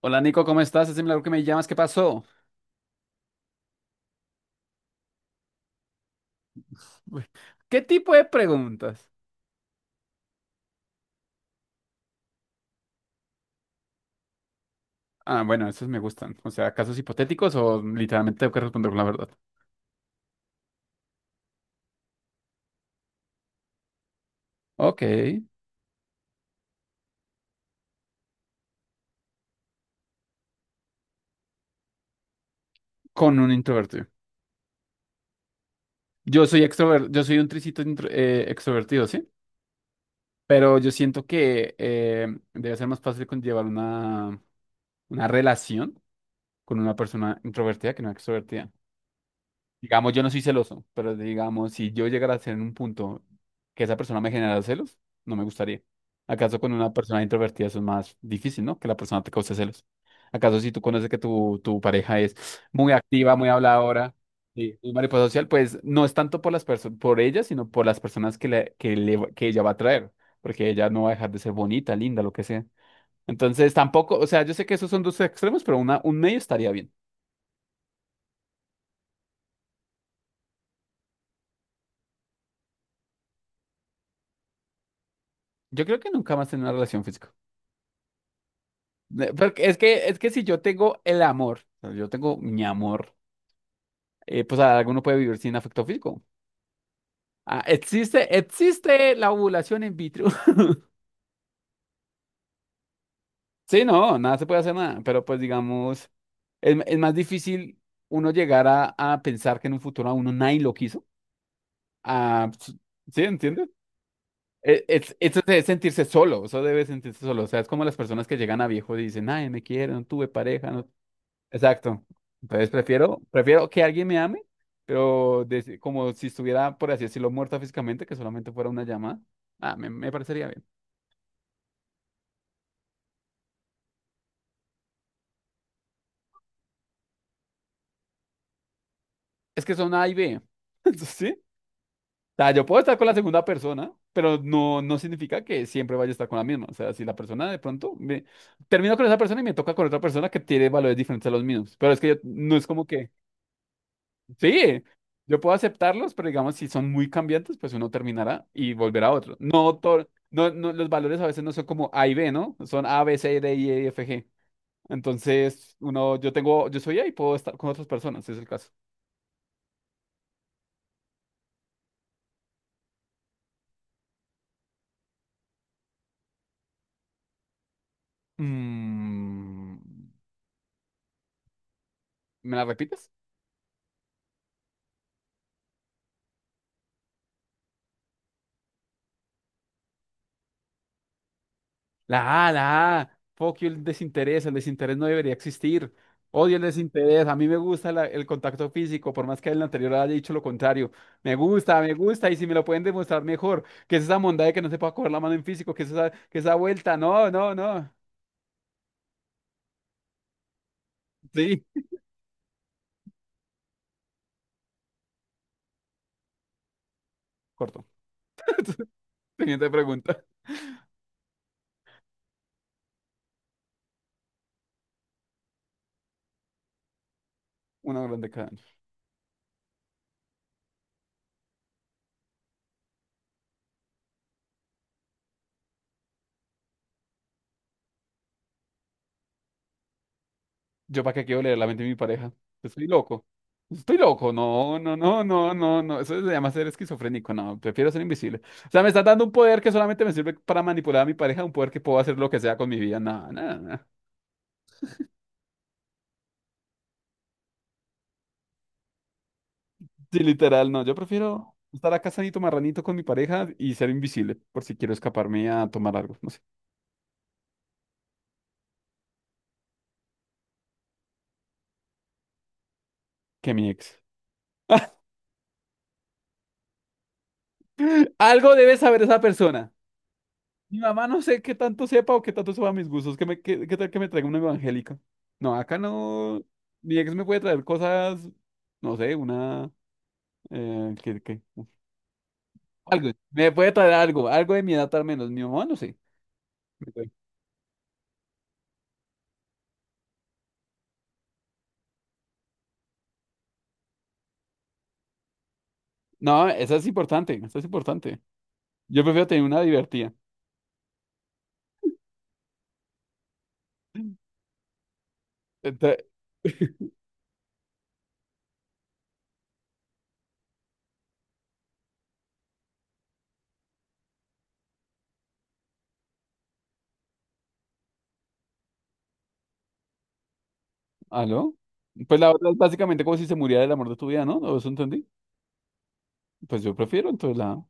Hola Nico, ¿cómo estás? Es milagro que me llamas, ¿qué pasó? Uy. ¿Qué tipo de preguntas? Ah, bueno, esos me gustan. O sea, casos hipotéticos o literalmente tengo que responder con la verdad. Ok, con un introvertido. Yo soy extrovertido, yo soy un tricito extrovertido, ¿sí? Pero yo siento que debe ser más fácil conllevar una relación con una persona introvertida que no extrovertida. Digamos, yo no soy celoso, pero digamos, si yo llegara a ser en un punto que esa persona me generara celos, no me gustaría. ¿Acaso con una persona introvertida eso es más difícil, no? Que la persona te cause celos. ¿Acaso si tú conoces que tu pareja es muy activa, muy habladora, sí, muy mariposa social, pues no es tanto por ella, sino por las personas que ella va a traer, porque ella no va a dejar de ser bonita, linda, lo que sea. Entonces, tampoco, o sea, yo sé que esos son dos extremos, pero un medio estaría bien. Yo creo que nunca más tener una relación física. Porque es que si yo tengo el amor, o sea, yo tengo mi amor, pues alguno puede vivir sin afecto físico. Ah, existe la ovulación in vitro. Sí, no, nada se puede hacer nada, pero pues digamos, es más difícil uno llegar a pensar que en un futuro a uno nadie lo quiso. Ah, ¿sí, entiendes? Eso debe sentirse solo, eso debe sentirse solo. O sea, es como las personas que llegan a viejo y dicen, ay, me quieren, no tuve pareja, no. Exacto. Entonces, prefiero que alguien me ame, pero como si estuviera, por así decirlo, muerta físicamente, que solamente fuera una llamada. Ah, me parecería bien. Es que son A y B. ¿Sí? O sea, yo puedo estar con la segunda persona, pero no significa que siempre vaya a estar con la misma. O sea, si la persona de pronto me termino con esa persona y me toca con otra persona que tiene valores diferentes a los míos. Pero es que no es como que. Sí, yo puedo aceptarlos, pero digamos, si son muy cambiantes, pues uno terminará y volverá a otro. No, no, no, los valores a veces no son como A y B, ¿no? Son A, B, C, D, E, F, G. Entonces, yo soy A y puedo estar con otras personas, si es el caso. Mm, ¿me la repites? La A. Fuck you, el desinterés. El desinterés no debería existir. Odio el desinterés. A mí me gusta el contacto físico, por más que el anterior haya dicho lo contrario. Me gusta, me gusta. Y si me lo pueden demostrar mejor, que es esa bondad de que no se pueda coger la mano en físico, que es esa, que esa vuelta. No, no, no. Sí, corto. Siguiente pregunta. Una grande cada. Yo para qué quiero leer la mente de mi pareja. Estoy loco. Estoy loco. No, no, no, no, no, no. Eso se llama ser esquizofrénico. No, prefiero ser invisible. O sea, me estás dando un poder que solamente me sirve para manipular a mi pareja, un poder que puedo hacer lo que sea con mi vida. No, no, no. Sí, literal, no. Yo prefiero estar acá sanito marranito con mi pareja y ser invisible por si quiero escaparme a tomar algo. No sé, que mi ex. Algo debe saber esa persona. Mi mamá no sé qué tanto sepa o qué tanto sepa mis gustos. ¿Qué tal que me traiga una evangélica? No, acá no. Mi ex me puede traer cosas, no sé, una... ¿Qué? Algo. Me puede traer algo, algo de mi edad al menos. Mi mamá no sé. Me puede-. No, eso es importante, eso es importante. Yo prefiero tener una divertida. Entra- ¿Aló? Pues la otra es básicamente como si se muriera el amor de tu vida, ¿no? ¿No? ¿Eso entendí? Pues yo prefiero, entonces la...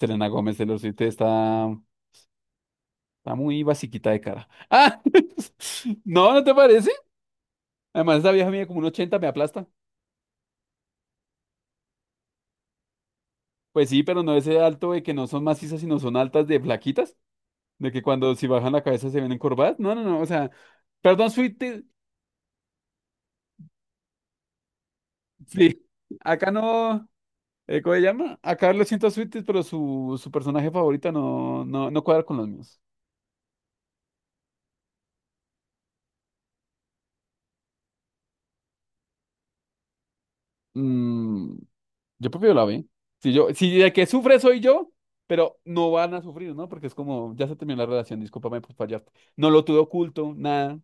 Selena Gómez, Taylor Swift está... Está muy basiquita de cara. ¡Ah! No, ¿no te parece? Además, esa vieja mía como un 80 me aplasta. Pues sí, pero no ese alto de que no son macizas, sino son altas de flaquitas. De que cuando si bajan la cabeza se ven encorvadas. No, no, no. O sea, perdón, Sweetie. Sí. Acá no. ¿Cómo se llama? Acá lo siento a Sweetie, pero su personaje favorita no, no, no cuadra con los míos. Mm, Yo prefiero la B. Si de que sufre soy yo, pero no van a sufrir, ¿no? Porque es como, ya se terminó la relación, discúlpame por fallarte. No lo tuve oculto, nada.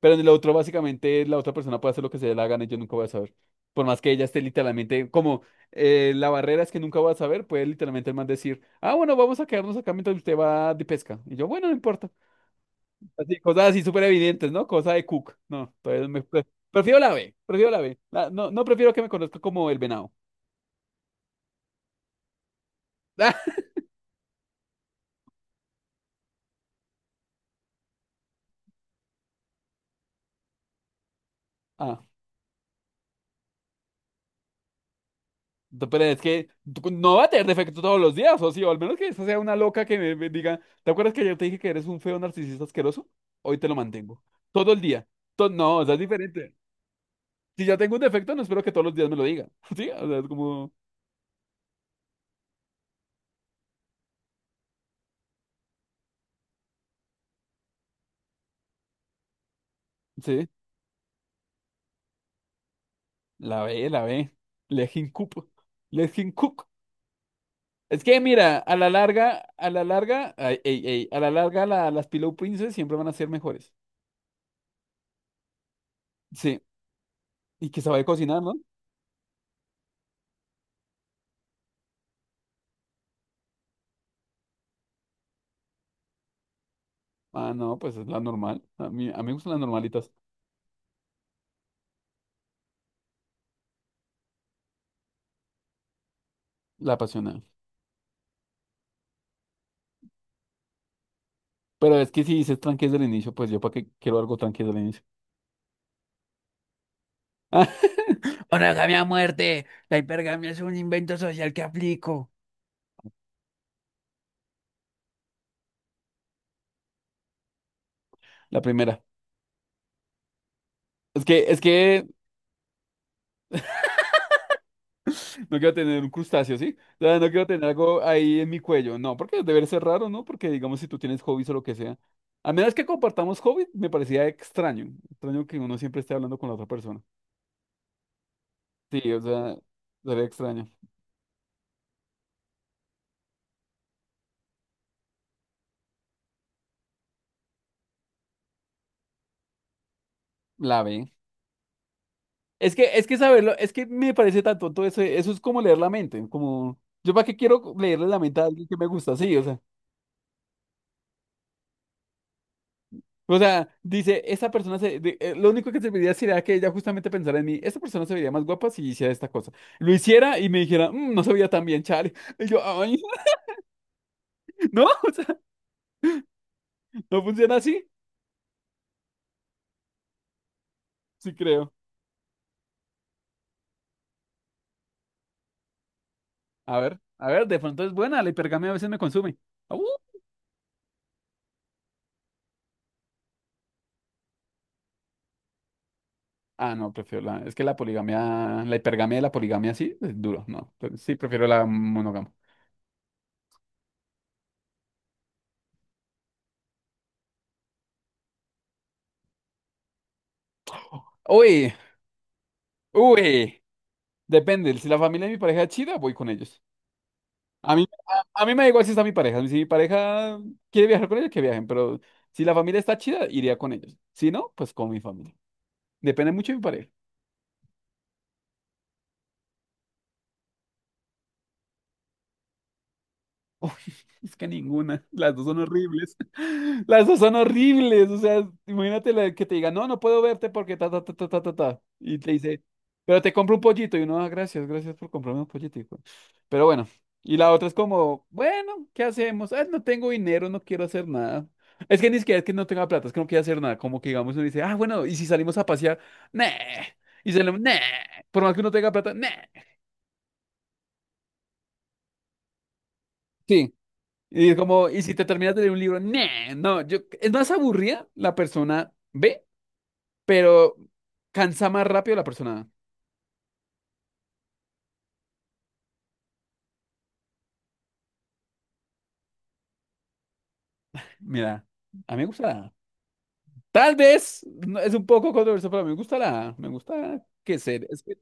Pero en el otro, básicamente, la otra persona puede hacer lo que se le dé la gana y yo nunca voy a saber. Por más que ella esté literalmente, como la barrera es que nunca voy a saber, puede literalmente el man decir, ah, bueno, vamos a quedarnos acá mientras usted va de pesca. Y yo, bueno, no importa. Así, cosas así súper evidentes, ¿no? Cosa de Cook. No, todavía prefiero la B, prefiero la B. No, no prefiero que me conozca como el venado. Ah. Pero es que tú no va a tener defecto todos los días, o sí, o al menos que esa sea una loca que me diga, ¿te acuerdas que ayer te dije que eres un feo narcisista asqueroso? Hoy te lo mantengo. Todo el día. No, o sea, es diferente. Si ya tengo un defecto, no espero que todos los días me lo diga. Sí, o sea, es como, sí, la ve, la ve. Let him cook. Let him cook. Es que mira, a la larga, ay, ey, ey, a la larga las Pillow Princess siempre van a ser mejores. Sí, y que sabe cocinar, ¿no? Ah, no, pues es la normal. A mí me gustan las normalitas. La apasionada. Pero es que si dices tranqui desde el inicio, pues yo para qué quiero algo tranqui desde el inicio. Monogamia a muerte. La hipergamia es un invento social que aplico. La primera. Es que no quiero tener un crustáceo, ¿sí? O sea, no quiero tener algo ahí en mi cuello. No, porque debe ser raro, ¿no? Porque digamos si tú tienes hobbies o lo que sea. A menos que compartamos hobbies, me parecía extraño. Extraño que uno siempre esté hablando con la otra persona. Sí, o sea, sería extraño. La B. Es que saberlo, es que me parece tan tonto eso, eso es como leer la mente, como, yo para qué quiero leerle la mente a alguien que me gusta, sí, o sea, dice, esa persona lo único que serviría sería que ella justamente pensara en mí, esta persona se vería más guapa si hiciera esta cosa, lo hiciera y me dijera, "Mm, no se veía tan bien, chale", y yo, ay, no, o sea, no funciona así, sí creo, a ver, de pronto es buena, la hipergamia a veces me consume, ah, uh. Ah, no, prefiero es que la poligamia, la hipergamia y la poligamia sí, es duro, no, sí, prefiero la monogamia. Uy, uy, depende. Si la familia de mi pareja es chida, voy con ellos. A mí, a mí me da igual si está mi pareja. Si mi pareja quiere viajar con ellos, que viajen. Pero si la familia está chida, iría con ellos. Si no, pues con mi familia. Depende mucho de mi pareja. Uy, es que ninguna, las dos son horribles. Las dos son horribles, o sea, imagínate la que te diga, no, no puedo verte porque ta, ta, ta, ta, ta, ta, ta. Y te dice, pero te compro un pollito. Y uno, "Ah, gracias, gracias por comprarme un pollito, hijo". Pero bueno, y la otra es como, bueno, ¿qué hacemos? Ah, no tengo dinero, no quiero hacer nada. Es que ni siquiera es que no tenga plata, es que no quiero hacer nada. Como que digamos, uno dice, ah, bueno, y si salimos a pasear, nah. Y salimos, nah. Por más que uno tenga plata, nah. Sí. Y es como, y si te terminas de leer un libro, "Nah, no, yo, es más aburrida la persona B, pero cansa más rápido la persona A". Mira, a mí me gusta la A. Tal vez es un poco controversial, pero me gusta la A. Me gusta que ser.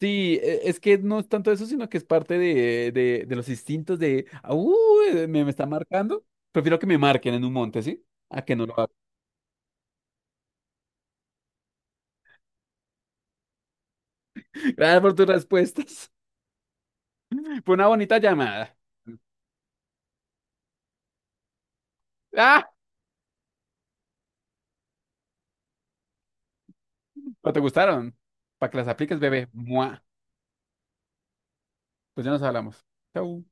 Sí, es que no es tanto eso, sino que es parte de los instintos de, "Ah, uy, me está marcando". Prefiero que me marquen en un monte, ¿sí? A que no lo hagan. Gracias por tus respuestas. Fue una bonita llamada. ¿O te gustaron? Para que las apliques, bebé. Mua. Pues ya nos hablamos. Chau.